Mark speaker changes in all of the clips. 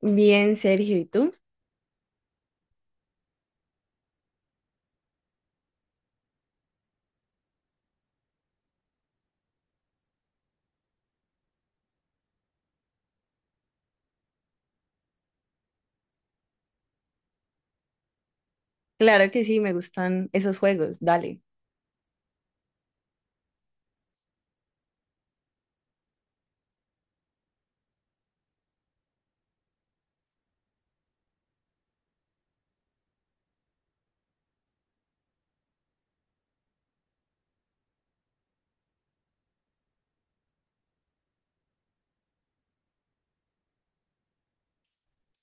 Speaker 1: Bien, Sergio, ¿y tú? Claro que sí, me gustan esos juegos, dale.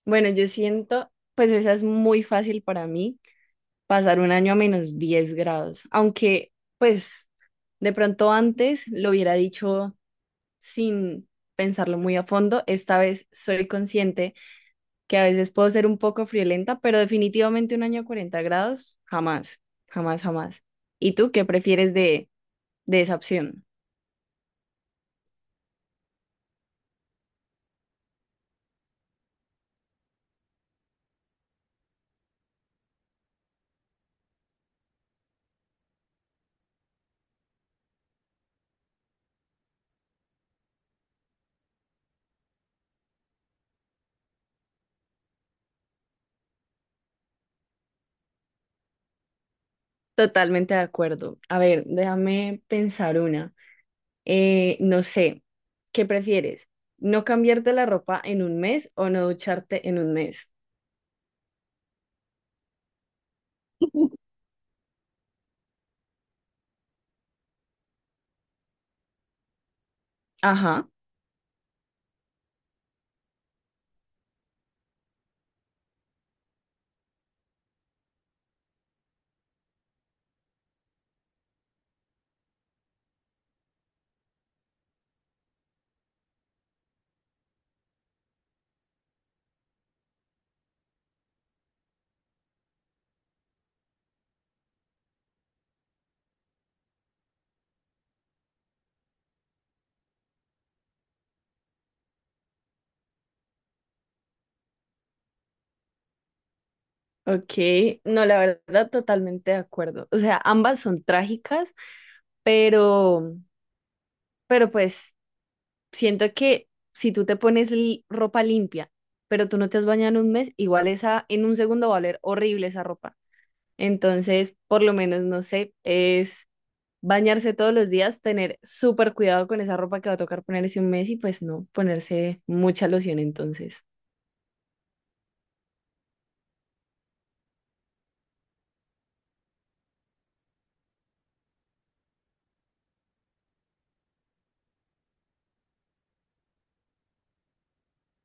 Speaker 1: Bueno, yo siento, pues esa es muy fácil para mí, pasar un año a menos 10 grados, aunque pues de pronto antes lo hubiera dicho sin pensarlo muy a fondo, esta vez soy consciente que a veces puedo ser un poco friolenta, pero definitivamente un año a 40 grados, jamás, jamás, jamás. ¿Y tú qué prefieres de esa opción? Totalmente de acuerdo. A ver, déjame pensar una. No sé, ¿qué prefieres? ¿No cambiarte la ropa en un mes o no ducharte en un mes? Ajá, ok. No, la verdad, totalmente de acuerdo. O sea, ambas son trágicas, pero, pero pues siento que si tú te pones ropa limpia, pero tú no te has bañado en un mes, igual esa en un segundo va a oler horrible esa ropa. Entonces, por lo menos, no sé, es bañarse todos los días, tener súper cuidado con esa ropa que va a tocar ponerse un mes y pues no ponerse mucha loción entonces.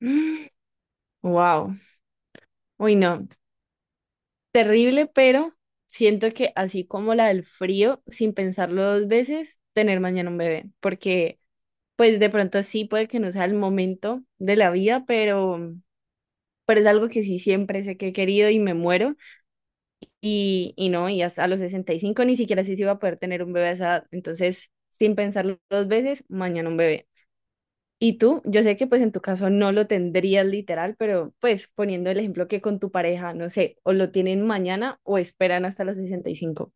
Speaker 1: Wow. Uy, no. Terrible, pero siento que así como la del frío, sin pensarlo dos veces, tener mañana un bebé, porque pues de pronto sí puede que no sea el momento de la vida, pero es algo que sí siempre sé que he querido y me muero. Y no, y hasta a los 65 ni siquiera así se iba a poder tener un bebé a esa edad. Entonces, sin pensarlo dos veces, mañana un bebé. Y tú, yo sé que pues en tu caso no lo tendrías literal, pero pues poniendo el ejemplo que con tu pareja, no sé, o lo tienen mañana o esperan hasta los 65.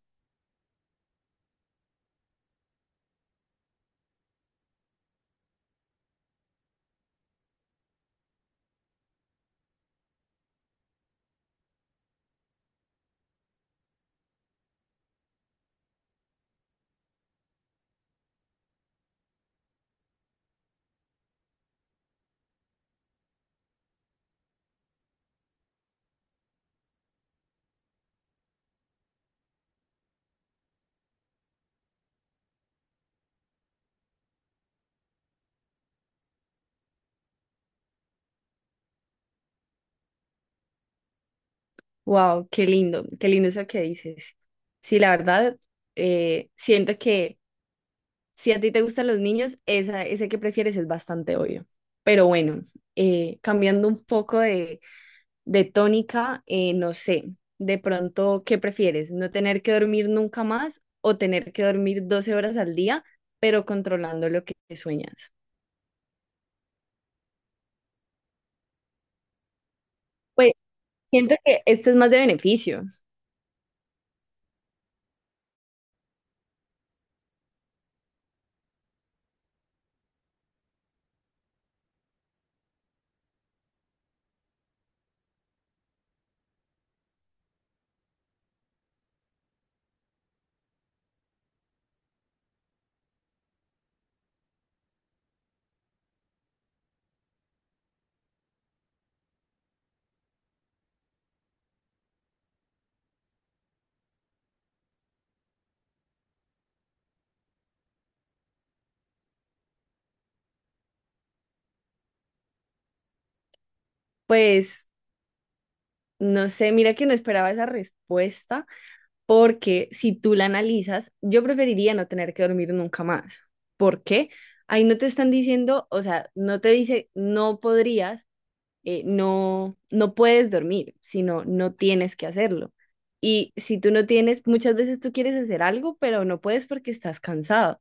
Speaker 1: Wow, qué lindo eso que dices. Sí, la verdad, siento que si a ti te gustan los niños, ese que prefieres es bastante obvio. Pero bueno, cambiando un poco de tónica, no sé, de pronto, ¿qué prefieres? ¿No tener que dormir nunca más o tener que dormir 12 horas al día, pero controlando lo que sueñas? Pues siento que esto es más de beneficio. Pues no sé, mira que no esperaba esa respuesta, porque si tú la analizas, yo preferiría no tener que dormir nunca más. ¿Por qué? Ahí no te están diciendo, o sea, no te dice no podrías, no puedes dormir, sino no tienes que hacerlo. Y si tú no tienes, muchas veces tú quieres hacer algo, pero no puedes porque estás cansado.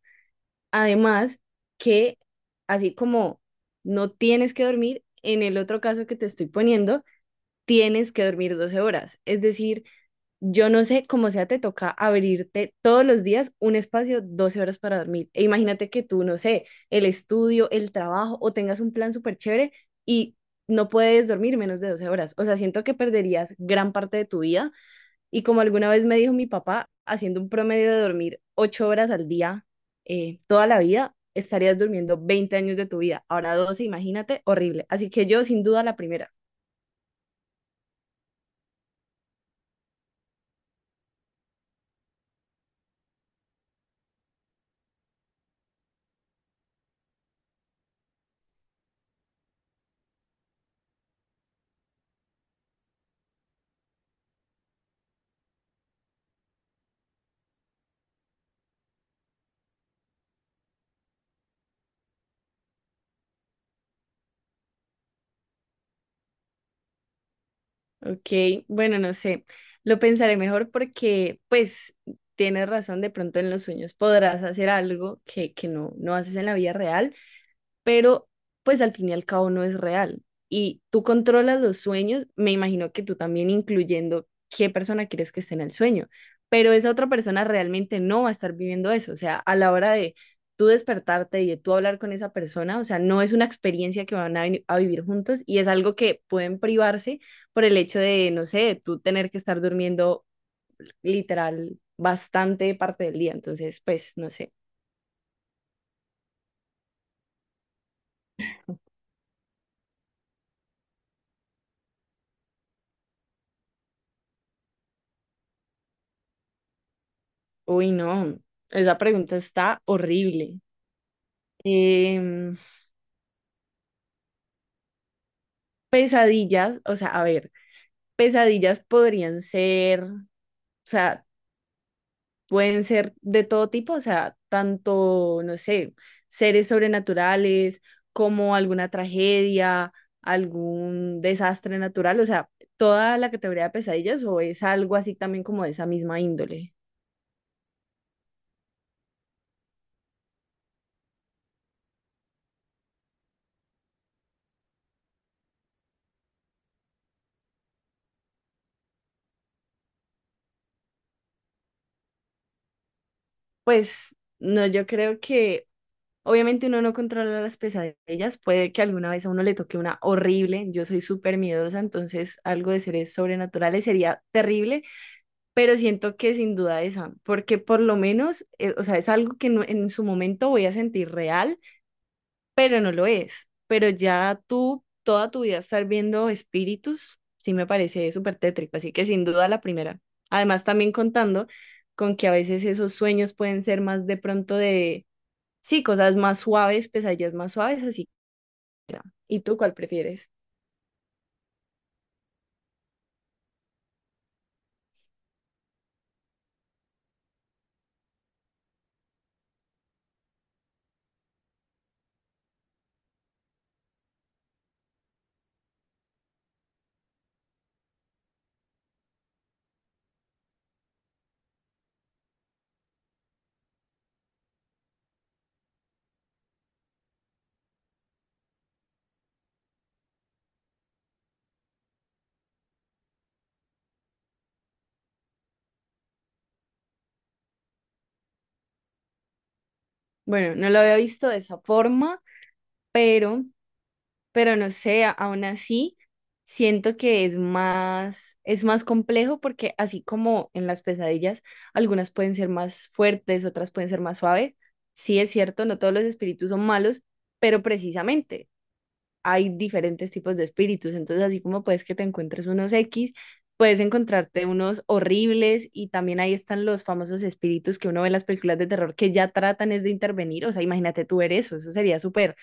Speaker 1: Además, que así como no tienes que dormir, en el otro caso que te estoy poniendo, tienes que dormir 12 horas. Es decir, yo no sé cómo sea, te toca abrirte todos los días un espacio, 12 horas para dormir. E imagínate que tú, no sé, el estudio, el trabajo o tengas un plan súper chévere y no puedes dormir menos de 12 horas. O sea, siento que perderías gran parte de tu vida. Y como alguna vez me dijo mi papá, haciendo un promedio de dormir 8 horas al día toda la vida, estarías durmiendo 20 años de tu vida. Ahora 12 imagínate, horrible. Así que yo, sin duda, la primera. Ok, bueno, no sé, lo pensaré mejor porque pues tienes razón, de pronto en los sueños podrás hacer algo que no haces en la vida real pero pues al fin y al cabo no es real. Y tú controlas los sueños, me imagino que tú también incluyendo qué persona quieres que esté en el sueño, pero esa otra persona realmente no va a estar viviendo eso, o sea, a la hora de tú despertarte y de tú hablar con esa persona, o sea, no es una experiencia que van a vivir juntos y es algo que pueden privarse por el hecho de, no sé, de tú tener que estar durmiendo literal bastante parte del día, entonces, pues, no sé. Uy, no, esa pregunta está horrible. Em, Pesadillas, o sea, a ver, pesadillas podrían ser, o sea, pueden ser de todo tipo, o sea, tanto, no sé, seres sobrenaturales como alguna tragedia, algún desastre natural, o sea, toda la categoría de pesadillas o es algo así también como de esa misma índole. Pues no, yo creo que obviamente uno no controla las pesadillas, puede que alguna vez a uno le toque una horrible, yo soy súper miedosa, entonces algo de seres sobrenaturales sería terrible, pero siento que sin duda esa, porque por lo menos, o sea, es algo que en su momento voy a sentir real, pero no lo es, pero ya tú toda tu vida estar viendo espíritus, sí me parece súper tétrico, así que sin duda la primera. Además también contando con que a veces esos sueños pueden ser más de pronto. De Sí, cosas más suaves, pesadillas más suaves, así que era. ¿Y tú cuál prefieres? Bueno, no lo había visto de esa forma, pero, pero no sé, aún así siento que es más complejo porque así como en las pesadillas, algunas pueden ser más fuertes, otras pueden ser más suaves. Sí es cierto, no todos los espíritus son malos, pero precisamente hay diferentes tipos de espíritus. Entonces, así como puedes que te encuentres unos X, puedes encontrarte unos horribles y también ahí están los famosos espíritus que uno ve en las películas de terror que ya tratan es de intervenir. O sea, imagínate tú ver eso, eso sería súper,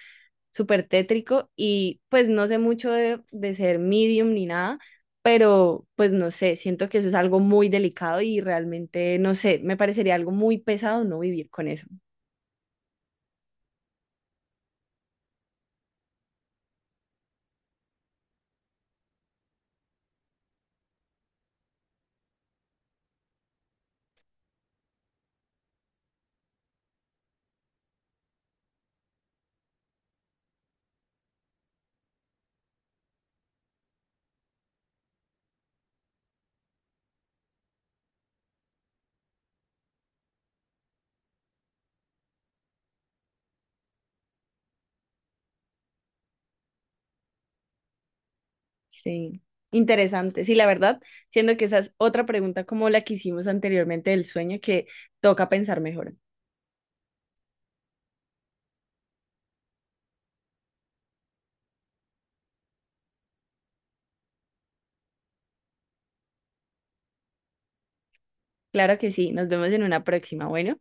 Speaker 1: súper tétrico y pues no sé mucho de ser medium ni nada. Pero, pues no sé, siento que eso es algo muy delicado y realmente, no sé, me parecería algo muy pesado no vivir con eso. Sí, interesante. Sí, la verdad, siendo que esa es otra pregunta como la que hicimos anteriormente del sueño que toca pensar mejor. Claro que sí, nos vemos en una próxima. Bueno.